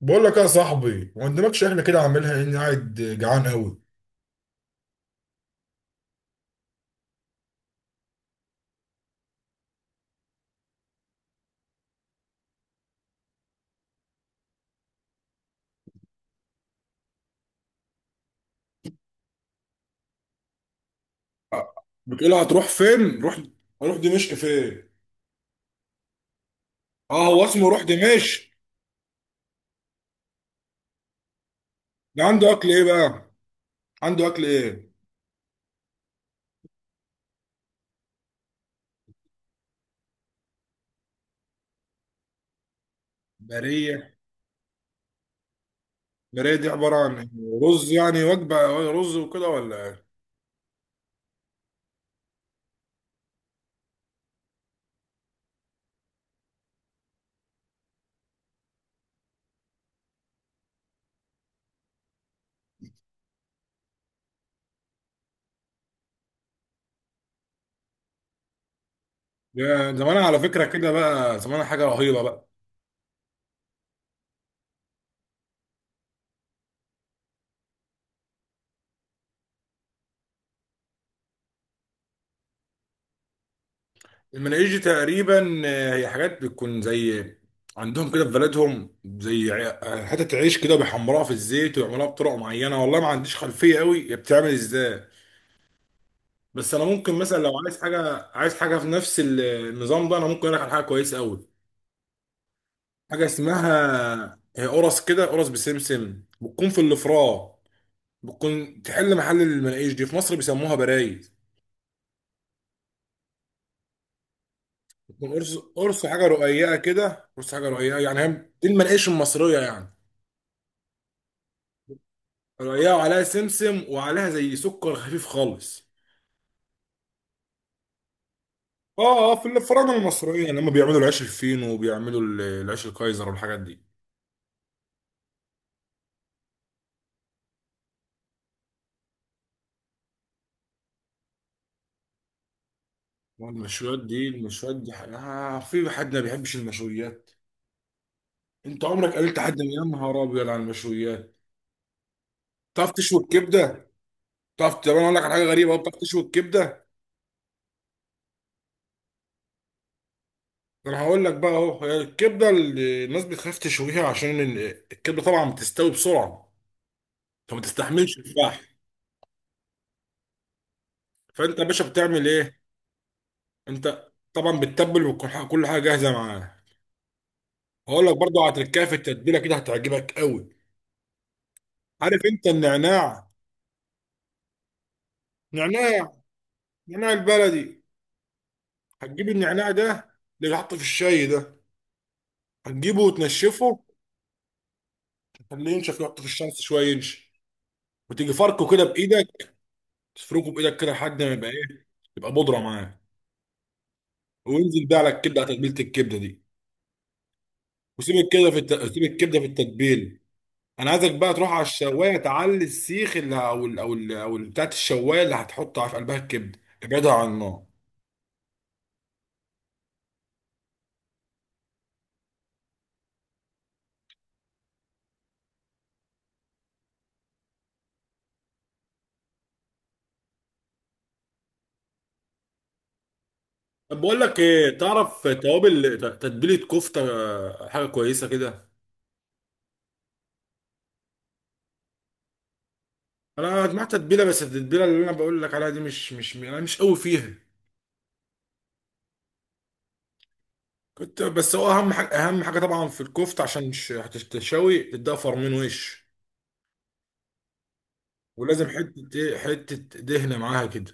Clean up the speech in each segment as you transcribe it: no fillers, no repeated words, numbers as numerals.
بقول لك إيه يا صاحبي ما قدامكش احنا كده عاملها اني قاعد جعان قوي. بتقولها هتروح فين؟ هروح دمشق فين؟ اه، هو اسمه روح دمشق. ده عنده اكل ايه بقى؟ عنده اكل ايه؟ بريه. بريه دي عباره عن إيه؟ رز يعني وجبه، رز وكده ولا ايه؟ يا زمان على فكره كده، بقى زمان حاجه رهيبه بقى. المناهيج دي تقريبا هي حاجات بتكون زي عندهم كده في بلدهم، زي حتة عيش كده بيحمروها في الزيت ويعملوها بطرق معينة، والله ما عنديش خلفية قوي هي بتعمل ازاي. بس انا ممكن مثلا لو عايز حاجة في نفس النظام ده انا ممكن اقول لك على حاجة كويسة قوي. حاجة اسمها، هي قرص كده، قرص بسمسم بتكون في الفراء، بتكون تحل محل المناقيش دي، في مصر بيسموها برايز. بتكون قرص، قرص حاجة رقيقة كده، قرص حاجة رقيقة يعني، هي دي المناقيش المصرية يعني، رقيقة وعليها سمسم وعليها زي سكر خفيف خالص. اه اه، في الفراعنه المصريين لما بيعملوا العيش الفينو وبيعملوا العيش الكايزر والحاجات دي. والمشويات دي، المشويات دي حاجة. في حد ما بيحبش المشويات؟ انت عمرك قابلت حد يا نهار ابيض على المشويات؟ تعرف تشوي الكبده؟ طب انا اقول لك على حاجه غريبه، بتعرف تشوي الكبده؟ انا هقول لك بقى، هي الكبده اللي الناس بتخاف تشويها عشان الكبده طبعا بتستوي بسرعه، فما تستحملش الفحم. فانت يا باشا بتعمل ايه؟ انت طبعا بتتبل، وكل حاجه كل حاجة جاهزه معاه. هقول لك برضو على تركايه في التتبيله كده، هتعجبك قوي. عارف انت النعناع؟ نعناع نعناع البلدي، هتجيب النعناع ده اللي بيتحط في الشاي ده، هتجيبه وتنشفه، تخليه ينشف، يحطه في الشمس شويه ينشف، وتيجي فركه كده بايدك، تفركه بايدك كده لحد ما يبقى ايه، يبقى بودره معاه، وانزل بقى على الكبده، على تتبيله الكبده دي. وسيب الكبده في التتبيله. انا عايزك بقى تروح على الشوايه، تعلي السيخ اللي او ال او ال او ال- بتاعت الشوايه اللي هتحطها في قلبها الكبده، ابعدها عن النار. طب بقول لك ايه، تعرف توابل تتبيله كفته حاجه كويسه كده؟ انا جمعت تتبيله، بس التتبيله اللي انا بقول لك عليها دي مش انا مش قوي فيها. كنت بس هو اهم حاجه طبعا في الكفته، عشان مش هتشتوي، تديها فرمين وش، ولازم حته ايه، حته دهنه معاها كده.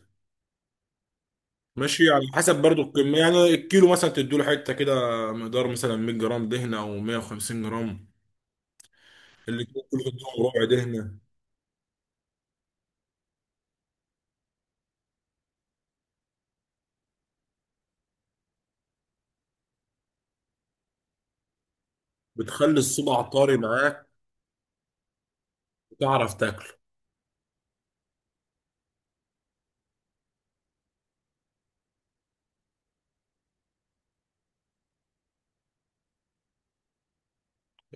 ماشي على حسب برضو الكمية، يعني الكيلو مثلا تديله حتة كده، مقدار مثلا 100 جرام دهنة أو 150 جرام، اللي كله تديله ربع دهنة. بتخلي الصبع طري معاك وتعرف تاكله.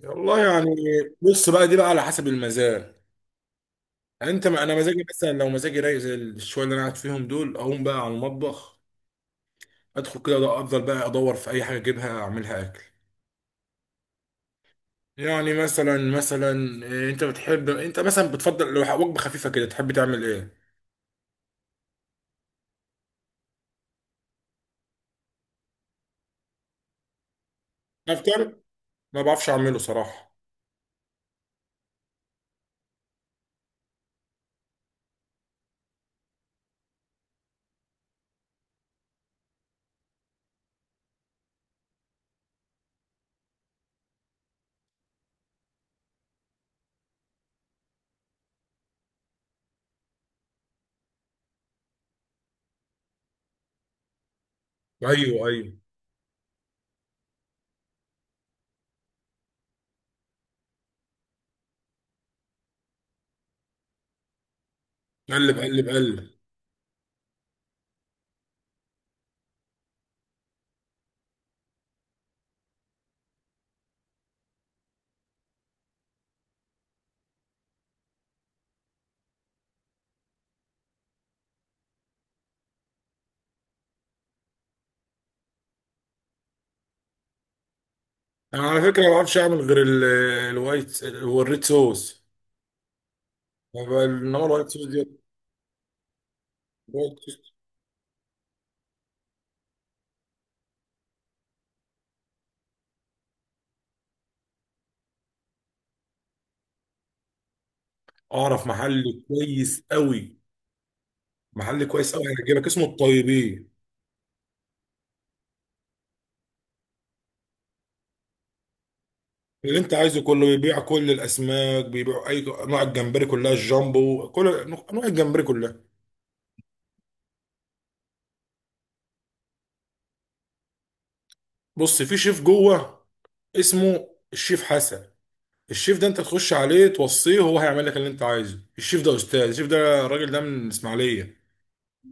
والله يعني، بص بقى، دي بقى على حسب المزاج. يعني انت، ما انا مزاجي مثلا، لو مزاجي رايق زي الشويه اللي انا قاعد فيهم دول، اقوم بقى على المطبخ، ادخل كده، ده افضل بقى، ادور في اي حاجه اجيبها اعملها اكل. يعني مثلا انت مثلا بتفضل لو وجبه خفيفه كده تحب تعمل ايه؟ افطر. ما بعرفش اعمله صراحه. ايوه ايوه. قلب قلب قلب. انا على فكره ما بعرفش اعمل غير الوايت والريد صوص. انما الوايت صوص دي، الوايت صوص- اعرف محل كويس قوي، محل كويس قوي هيعجبك، اسمه الطيبين. اللي انت عايزه كله بيبيع، كل الاسماك بيبيع، اي انواع الجمبري كلها، الجامبو، كل انواع الجمبري كلها. بص، في شيف جوه اسمه الشيف حسن. الشيف ده انت تخش عليه توصيه، هو هيعمل لك اللي انت عايزه. الشيف ده استاذ، الشيف ده الراجل ده من الاسماعيليه،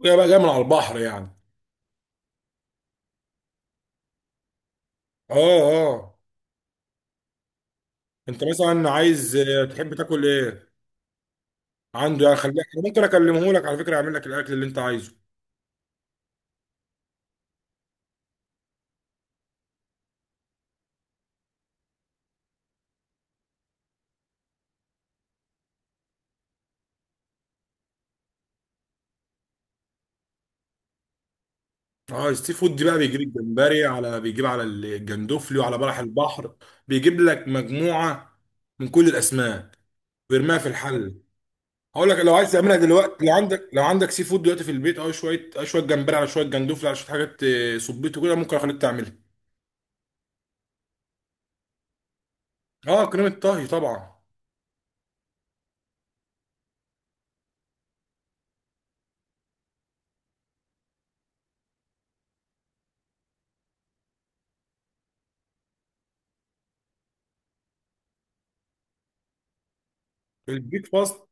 جاي من على البحر يعني. اه اه، انت مثلا عايز تحب تاكل ايه عنده يعني؟ خليك، انا ممكن اكلمه لك على فكره، يعمل لك الاكل اللي انت عايزه. اه، السي فود دي بقى بيجيب الجمبري، على بيجيب على الجندوفلي، وعلى بلح البحر، بيجيب لك مجموعه من كل الاسماك ويرميها في الحل. هقول لك، لو عايز تعملها دلوقتي، لو عندك، سي فود دلوقتي في البيت، او شويه، أو شويه جمبري على شويه جندوفلي على شويه حاجات، صبيته كده، ممكن اخليك تعملها. اه، كريمه طهي طبعا. البيك فاست؟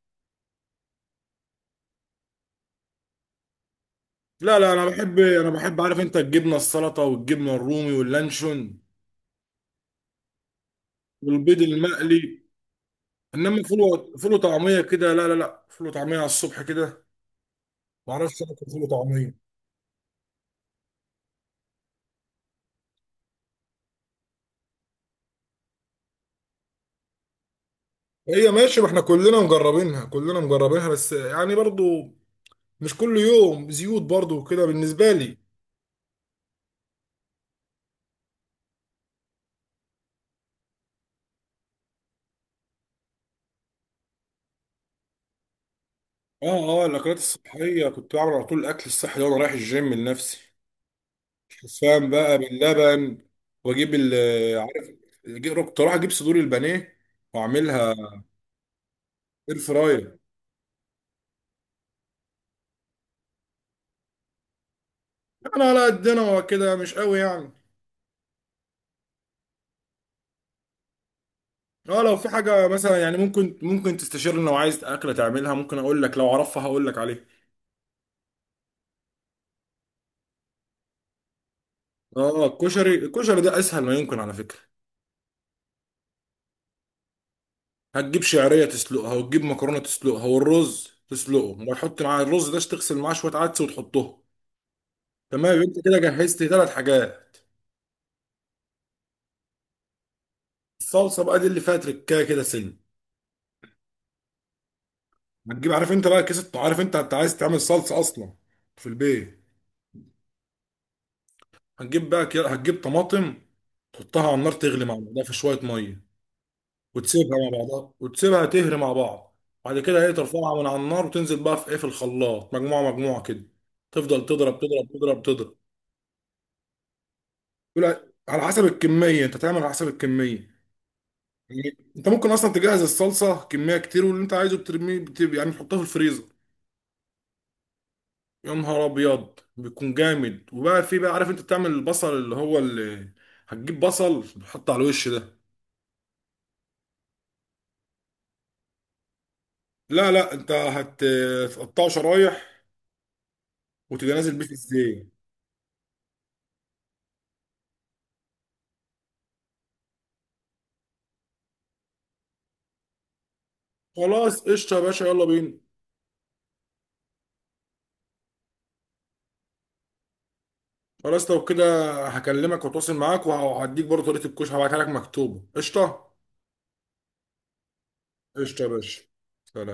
لا لا، انا بحب، عارف انت، الجبنه، السلطه والجبنه الرومي واللانشون والبيض المقلي. انما فول فول وطعميه كده لا لا لا، فول وطعميه على الصبح كده ما اعرفش اكل فول وطعميه. هي ماشي، ما احنا كلنا مجربينها، كلنا مجربينها، بس يعني برضو مش كل يوم زيوت برضو كده بالنسبه لي. اه اه، الاكلات الصحيه كنت بعمل على طول الاكل الصحي ده وانا رايح الجيم لنفسي. شوفان بقى باللبن، واجيب ال آه، عارف، كنت اروح اجيب صدور البانيه واعملها اير فراير. انا على قدنا وكده، مش قوي يعني. اه، لو في حاجه مثلا يعني، ممكن تستشيرني، لو عايز اكله تعملها ممكن اقول لك، لو اعرفها هقول لك عليه. اه، الكشري ده اسهل ما يمكن على فكره. هتجيب شعريه تسلقها، وتجيب مكرونه تسلقها، والرز تسلقه، وتحط معاه الرز ده، تغسل معاه شويه عدس وتحطه. تمام، انت كده جهزت ثلاث حاجات. الصلصه بقى دي اللي فيها تركايه كده سن. هتجيب عارف انت بقى كيس الط- عارف انت عايز تعمل صلصه اصلا في البيت؟ هتجيب طماطم، تحطها على النار، تغلي مع بعضها في شويه ميه، وتسيبها مع بعضها، وتسيبها تهري مع بعض. بعد كده هي ترفعها من على النار، وتنزل بقى في ايه، في الخلاط، مجموعه مجموعه كده، تفضل تضرب تضرب تضرب تضرب، تقول على حسب الكميه، انت تعمل على حسب الكميه. يعني انت ممكن اصلا تجهز الصلصه كميه كتير، واللي انت عايزه يعني تحطها في الفريزر. يا نهار ابيض، بيكون جامد. وبقى في عارف انت، بتعمل البصل اللي هو، اللي هتجيب بصل تحطه على الوش ده. لا لا، انت هتقطعه شرايح وتبقى نازل بيه في الزيت. خلاص، قشطه يا باشا، يلا بينا. خلاص، لو كده هكلمك واتواصل معاك، وهديك برضه طريقه الكشك، هبعتها لك مكتوبه. قشطه. قشطه يا باشا، سلام.